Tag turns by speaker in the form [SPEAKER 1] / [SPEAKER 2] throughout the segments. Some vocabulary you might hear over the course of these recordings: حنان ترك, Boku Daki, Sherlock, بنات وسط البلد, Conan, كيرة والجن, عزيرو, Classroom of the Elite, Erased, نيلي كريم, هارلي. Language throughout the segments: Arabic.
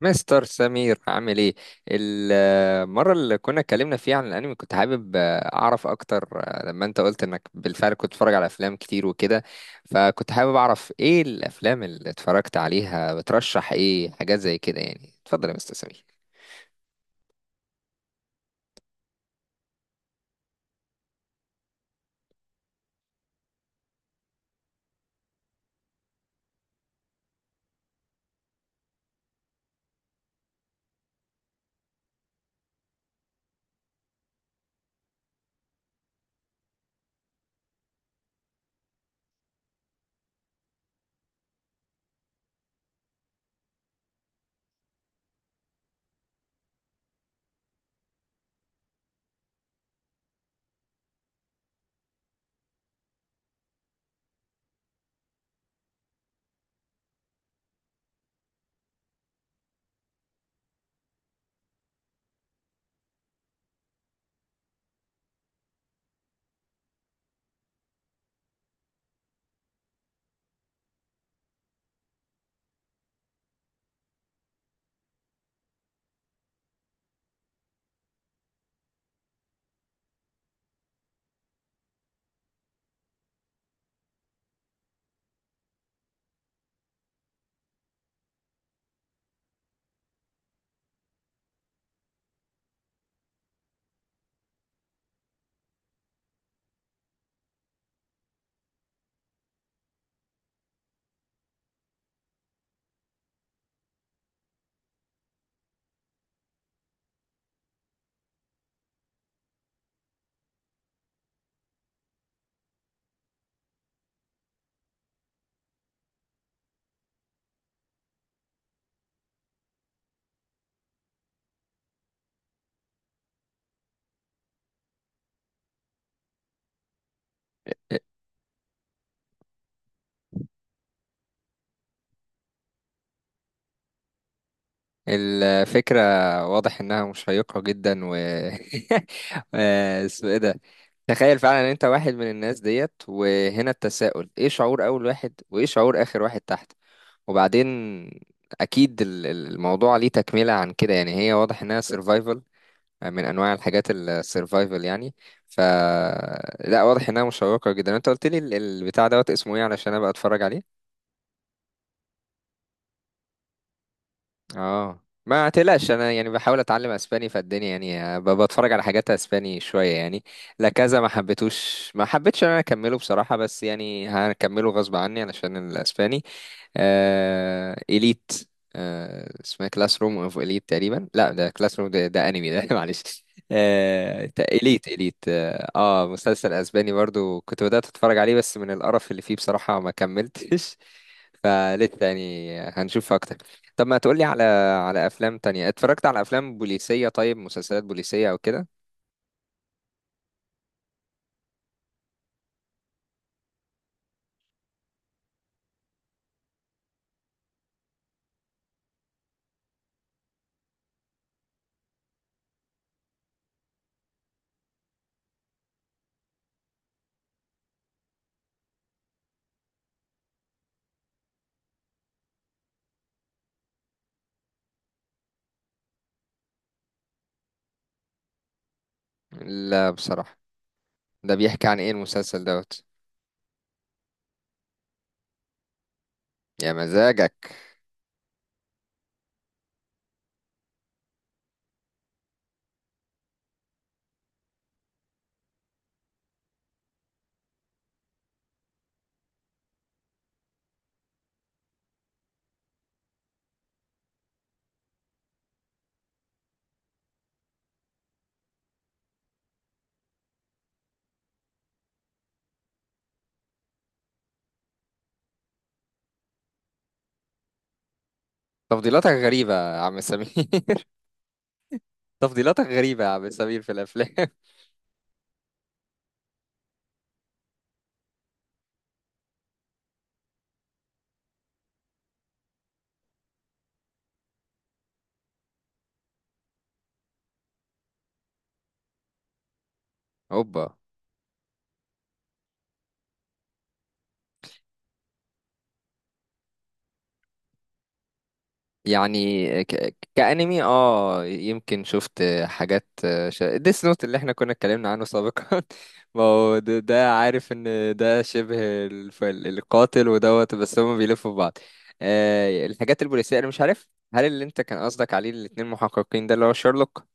[SPEAKER 1] مستر سمير عامل ايه؟ المرة اللي كنا اتكلمنا فيها عن الانمي كنت حابب اعرف اكتر. لما انت قلت انك بالفعل كنت بتتفرج على افلام كتير وكده، فكنت حابب اعرف ايه الافلام اللي اتفرجت عليها، بترشح ايه حاجات زي كده؟ يعني اتفضل يا مستر سمير. الفكرة واضح انها مشيقة جدا، و اسمه ايه ده؟ تخيل فعلا ان انت واحد من الناس ديت، وهنا التساؤل: ايه شعور اول واحد وايه شعور اخر واحد تحت؟ وبعدين اكيد الموضوع ليه تكملة عن كده. يعني هي واضح انها سيرفايفل، من انواع الحاجات السيرفايفل يعني. ف لا، واضح انها مشوقة جدا. انت قلت لي البتاع دوت اسمه ايه علشان ابقى اتفرج عليه؟ اه ما تقلقش، انا يعني بحاول اتعلم اسباني فالدنيا، يعني بتفرج على حاجات اسباني شوية يعني. لا كذا ما حبيتوش، ما حبيتش انا اكمله بصراحة، بس يعني هكمله غصب عني علشان الاسباني. إليت. اسمها كلاس روم اوف إليت تقريبا. لا ده كلاس روم، ده أنمي ده. معلش. إليت إليت. آه، مسلسل أسباني برضو كنت بدأت أتفرج عليه، بس من القرف اللي فيه بصراحة ما كملتش. فلسه يعني هنشوف أكتر. طب ما تقولي على على أفلام تانية؟ اتفرجت على أفلام بوليسية؟ طيب مسلسلات بوليسية أو كده؟ لا بصراحة. ده بيحكي عن إيه المسلسل دوت؟ يا مزاجك! تفضيلاتك غريبة يا عم سمير. تفضيلاتك غريبة يا عم سمير في الأفلام. اوبا. يعني كأنمي، اه يمكن شفت حاجات. ديس نوت، اللي احنا كنا اتكلمنا عنه سابقا. ما هو ده عارف ان ده شبه القاتل ودوت، بس هما بيلفوا في بعض. آه، الحاجات البوليسية انا مش عارف. هل اللي انت كان قصدك عليه الاتنين محققين ده اللي هو شارلوك؟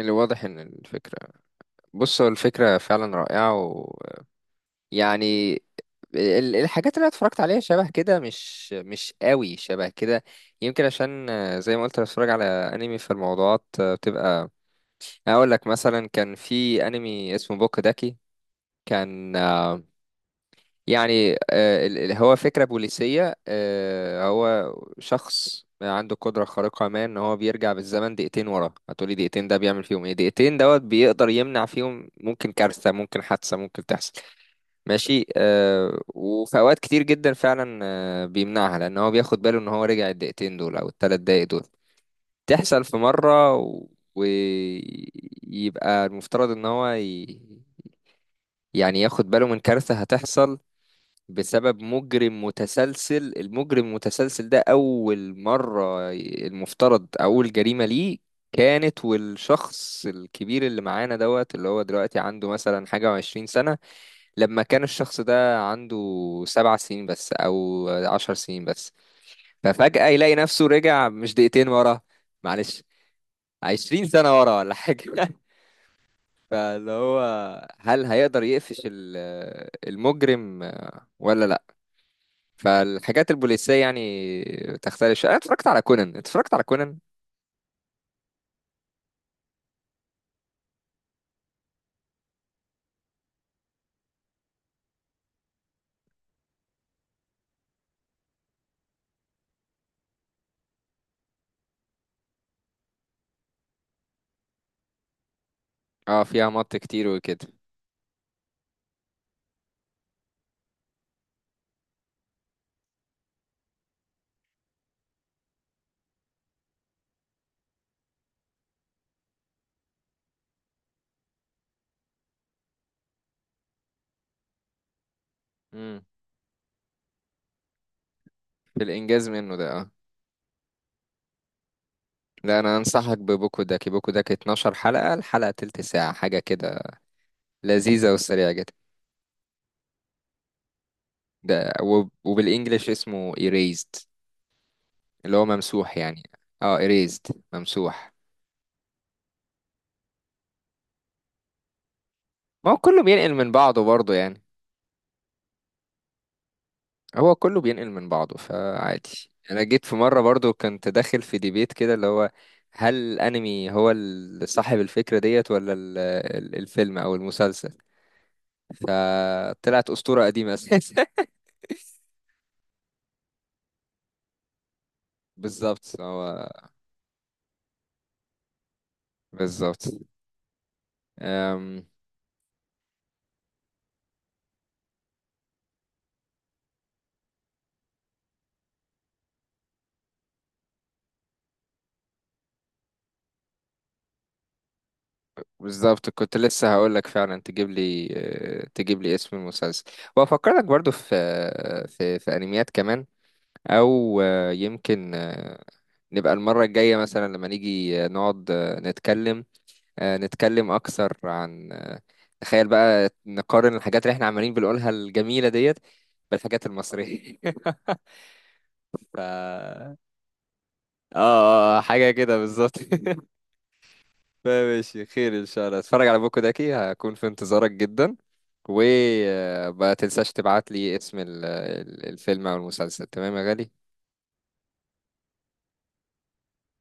[SPEAKER 1] اللي واضح ان الفكرة، بص، هو الفكرة فعلا رائعة. يعني الحاجات اللي أنا اتفرجت عليها شبه كده، مش قوي شبه كده. يمكن عشان، زي ما قلت، أنا بتفرج على انمي في الموضوعات بتبقى. اقول لك مثلا كان في انمي اسمه بوك داكي. كان، هو فكرة بوليسية. هو شخص عنده قدرة خارقة، ما ان هو بيرجع بالزمن دقيقتين ورا. هتقولي دقيقتين ده بيعمل فيهم ايه؟ دقيقتين دوت بيقدر يمنع فيهم ممكن كارثة، ممكن حادثة ممكن تحصل. ماشي، آه، وفي اوقات كتير جدا فعلا آه بيمنعها، لان هو بياخد باله ان هو رجع الدقيقتين دول او الثلاث دقايق دول. تحصل في مرة ويبقى المفترض ان هو يعني ياخد باله من كارثة هتحصل بسبب مجرم متسلسل. المجرم المتسلسل ده اول مرة المفترض اول جريمة ليه كانت، والشخص الكبير اللي معانا دوت اللي هو دلوقتي عنده مثلا حاجة وعشرين سنة، لما كان الشخص ده عنده سبع سنين بس او عشر سنين بس. ففجأة يلاقي نفسه رجع مش دقيقتين ورا، معلش، عشرين سنة ورا ولا حاجة. فاللي هو، هل هيقدر يقفش المجرم ولا لا؟ فالحاجات البوليسية يعني تختلف شوية. انا اتفرجت على كونان، اتفرجت على كونان. اه، فيها مط كتير وكده. امم، في الانجاز منه ده اه. لا، انا انصحك ببوكو داكي. بوكو داكي 12 حلقة، الحلقة تلت ساعة حاجة كده، لذيذة وسريعة جدا. ده وبالانجلش اسمه erased، اللي هو ممسوح يعني. اه، erased ممسوح. ما هو كله بينقل من بعضه برضه يعني. هو كله بينقل من بعضه، فعادي. انا جيت في مرة برضه كنت داخل في ديبيت كده اللي هو: هل الانمي هو صاحب الفكرة ديت ولا الفيلم او المسلسل؟ فطلعت أسطورة قديمة اساسا. بالظبط، هو بالظبط. بالظبط كنت لسه هقول لك فعلا تجيب لي، تجيب لي اسم المسلسل، وافكرك برضو في في انميات كمان. او آه، يمكن آه، نبقى المره الجايه مثلا لما نيجي نقعد نتكلم. نتكلم اكثر عن، تخيل بقى، نقارن الحاجات اللي احنا عمالين بنقولها الجميله ديت بالحاجات المصريه. ف اه، حاجه كده بالظبط. ماشي، خير ان شاء الله اتفرج على بوكو داكي، هكون في انتظارك جدا. وما تنساش تبعت لي اسم الفيلم او المسلسل، تمام يا غالي.